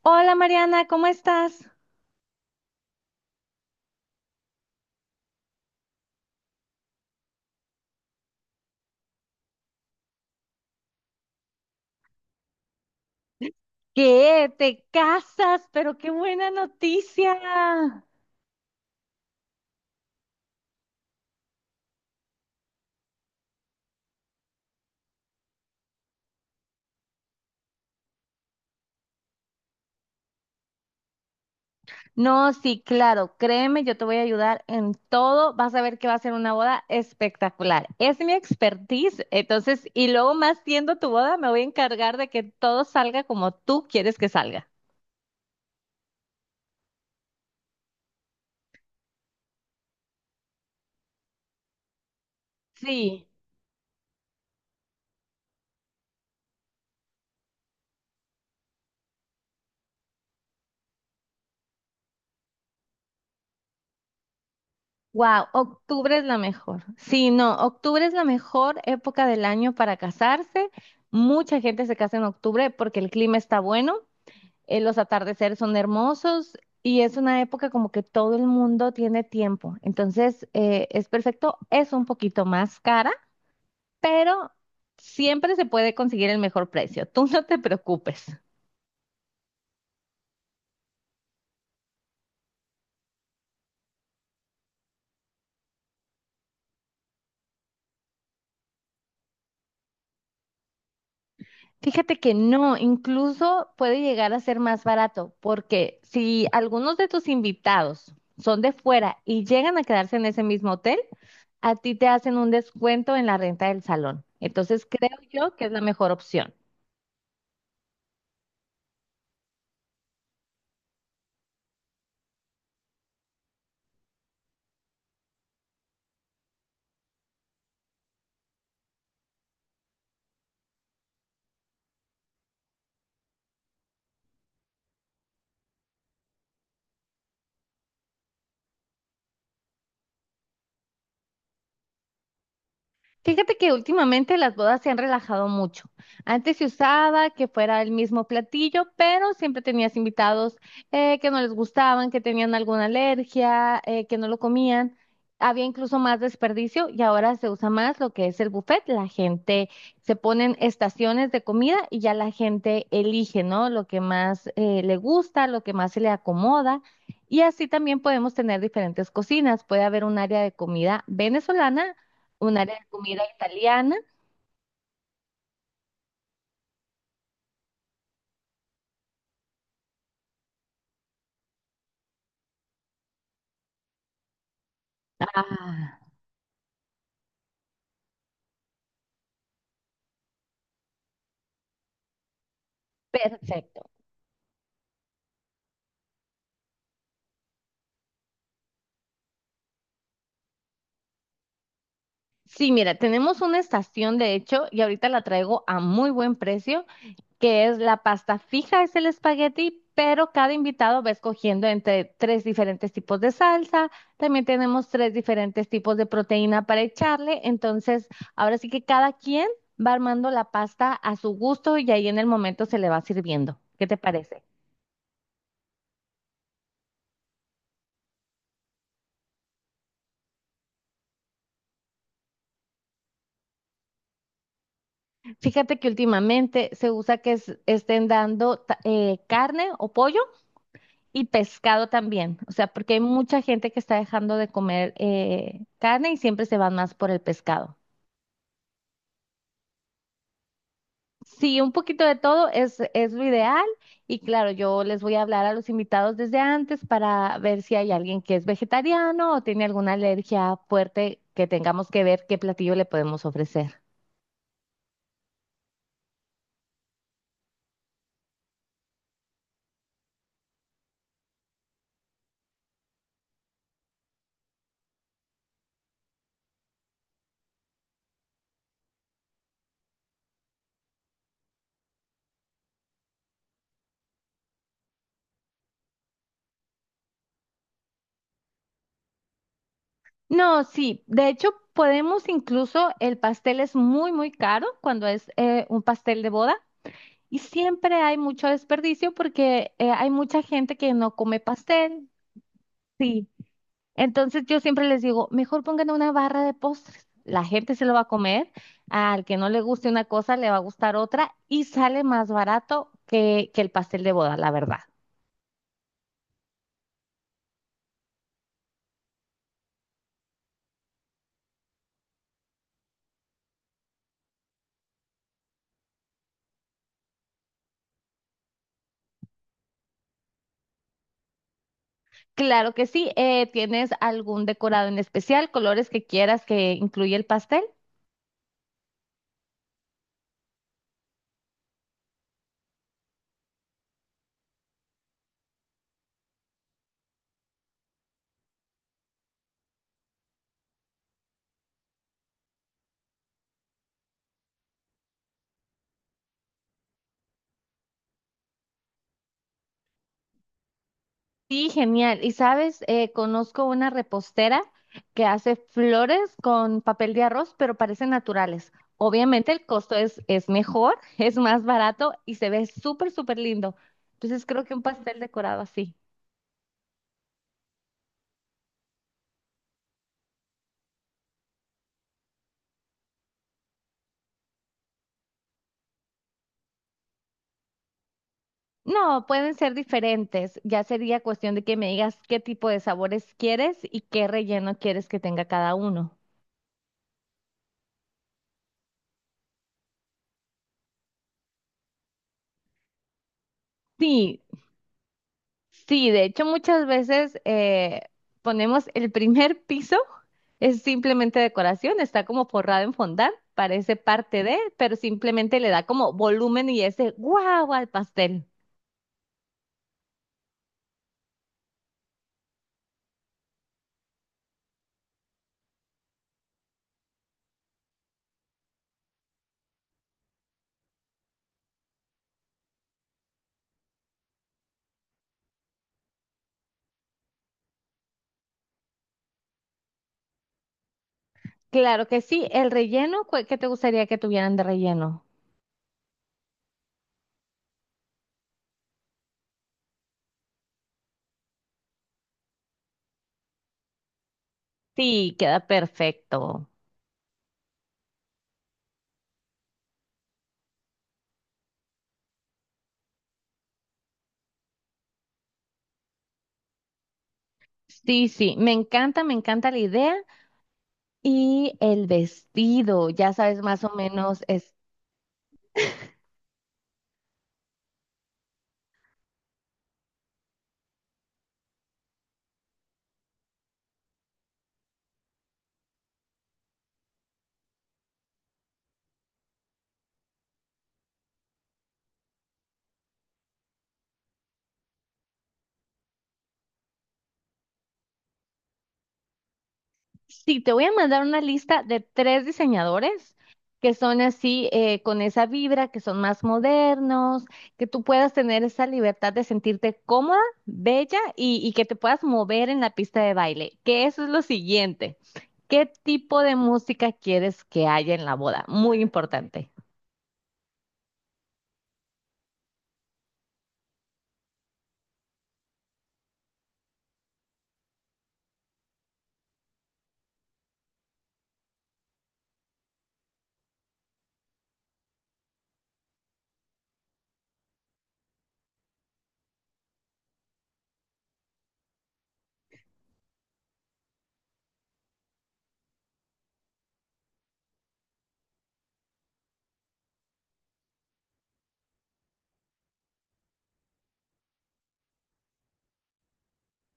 Hola Mariana, ¿cómo estás? ¿Qué? ¿Te casas? Pero qué buena noticia. No, sí, claro, créeme, yo te voy a ayudar en todo. Vas a ver que va a ser una boda espectacular. Es mi expertise, entonces, y luego más siendo tu boda, me voy a encargar de que todo salga como tú quieres que salga. Sí. Wow, octubre es la mejor. Sí, no, octubre es la mejor época del año para casarse. Mucha gente se casa en octubre porque el clima está bueno. Los atardeceres son hermosos y es una época como que todo el mundo tiene tiempo. Entonces, es perfecto. Es un poquito más cara, pero siempre se puede conseguir el mejor precio. Tú no te preocupes. Fíjate que no, incluso puede llegar a ser más barato, porque si algunos de tus invitados son de fuera y llegan a quedarse en ese mismo hotel, a ti te hacen un descuento en la renta del salón. Entonces creo yo que es la mejor opción. Fíjate que últimamente las bodas se han relajado mucho. Antes se usaba que fuera el mismo platillo, pero siempre tenías invitados que no les gustaban, que tenían alguna alergia, que no lo comían. Había incluso más desperdicio y ahora se usa más lo que es el buffet. La gente se ponen estaciones de comida y ya la gente elige, ¿no? Lo que más le gusta, lo que más se le acomoda. Y así también podemos tener diferentes cocinas. Puede haber un área de comida venezolana, un área de comida italiana. Ah, perfecto. Sí, mira, tenemos una estación de hecho y ahorita la traigo a muy buen precio, que es la pasta fija, es el espagueti, pero cada invitado va escogiendo entre tres diferentes tipos de salsa. También tenemos tres diferentes tipos de proteína para echarle. Entonces, ahora sí que cada quien va armando la pasta a su gusto y ahí en el momento se le va sirviendo. ¿Qué te parece? Fíjate que últimamente se usa que estén dando carne o pollo y pescado también, o sea, porque hay mucha gente que está dejando de comer carne y siempre se van más por el pescado. Sí, un poquito de todo es lo ideal y claro, yo les voy a hablar a los invitados desde antes para ver si hay alguien que es vegetariano o tiene alguna alergia fuerte que tengamos que ver qué platillo le podemos ofrecer. No, sí, de hecho podemos incluso, el pastel es muy, muy caro cuando es un pastel de boda y siempre hay mucho desperdicio porque hay mucha gente que no come pastel, sí. Entonces yo siempre les digo, mejor pongan una barra de postres, la gente se lo va a comer, al que no le guste una cosa le va a gustar otra y sale más barato que el pastel de boda, la verdad. Claro que sí, ¿tienes algún decorado en especial, colores que quieras que incluya el pastel? Sí, genial. Y sabes, conozco una repostera que hace flores con papel de arroz, pero parecen naturales. Obviamente el costo es mejor, es más barato y se ve súper, súper lindo. Entonces creo que un pastel decorado así. No, pueden ser diferentes. Ya sería cuestión de que me digas qué tipo de sabores quieres y qué relleno quieres que tenga cada uno. Sí, sí, de hecho muchas veces ponemos el primer piso, es simplemente decoración, está como forrado en fondant, parece parte de, pero simplemente le da como volumen y ese guau al pastel. Claro que sí, el relleno, ¿qué te gustaría que tuvieran de relleno? Sí, queda perfecto. Sí, sí, me encanta la idea y el vestido, ya sabes más o menos. Sí, te voy a mandar una lista de tres diseñadores que son así, con esa vibra, que son más modernos, que tú puedas tener esa libertad de sentirte cómoda, bella y que te puedas mover en la pista de baile. Que eso es lo siguiente. ¿Qué tipo de música quieres que haya en la boda? Muy importante.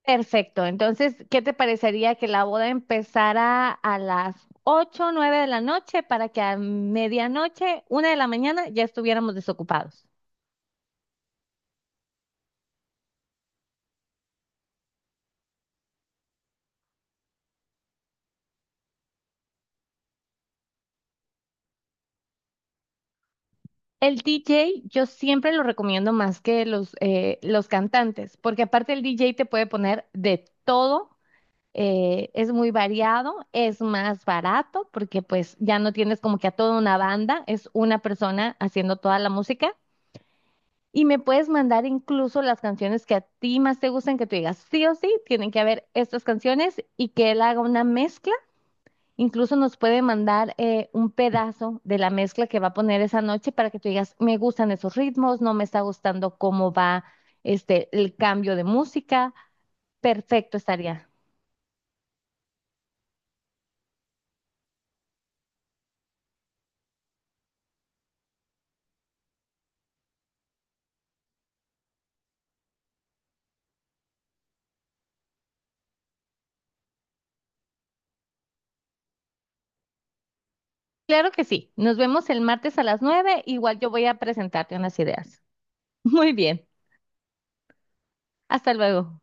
Perfecto. Entonces, ¿qué te parecería que la boda empezara a las 8, o 9 de la noche para que a medianoche, una de la mañana, ya estuviéramos desocupados? El DJ yo siempre lo recomiendo más que los cantantes, porque aparte el DJ te puede poner de todo, es muy variado, es más barato, porque pues ya no tienes como que a toda una banda, es una persona haciendo toda la música. Y me puedes mandar incluso las canciones que a ti más te gustan, que tú digas sí o sí, tienen que haber estas canciones y que él haga una mezcla. Incluso nos puede mandar un pedazo de la mezcla que va a poner esa noche para que tú digas, me gustan esos ritmos, no me está gustando cómo va el cambio de música. Perfecto, estaría. Claro que sí. Nos vemos el martes a las nueve. Igual yo voy a presentarte unas ideas. Muy bien. Hasta luego.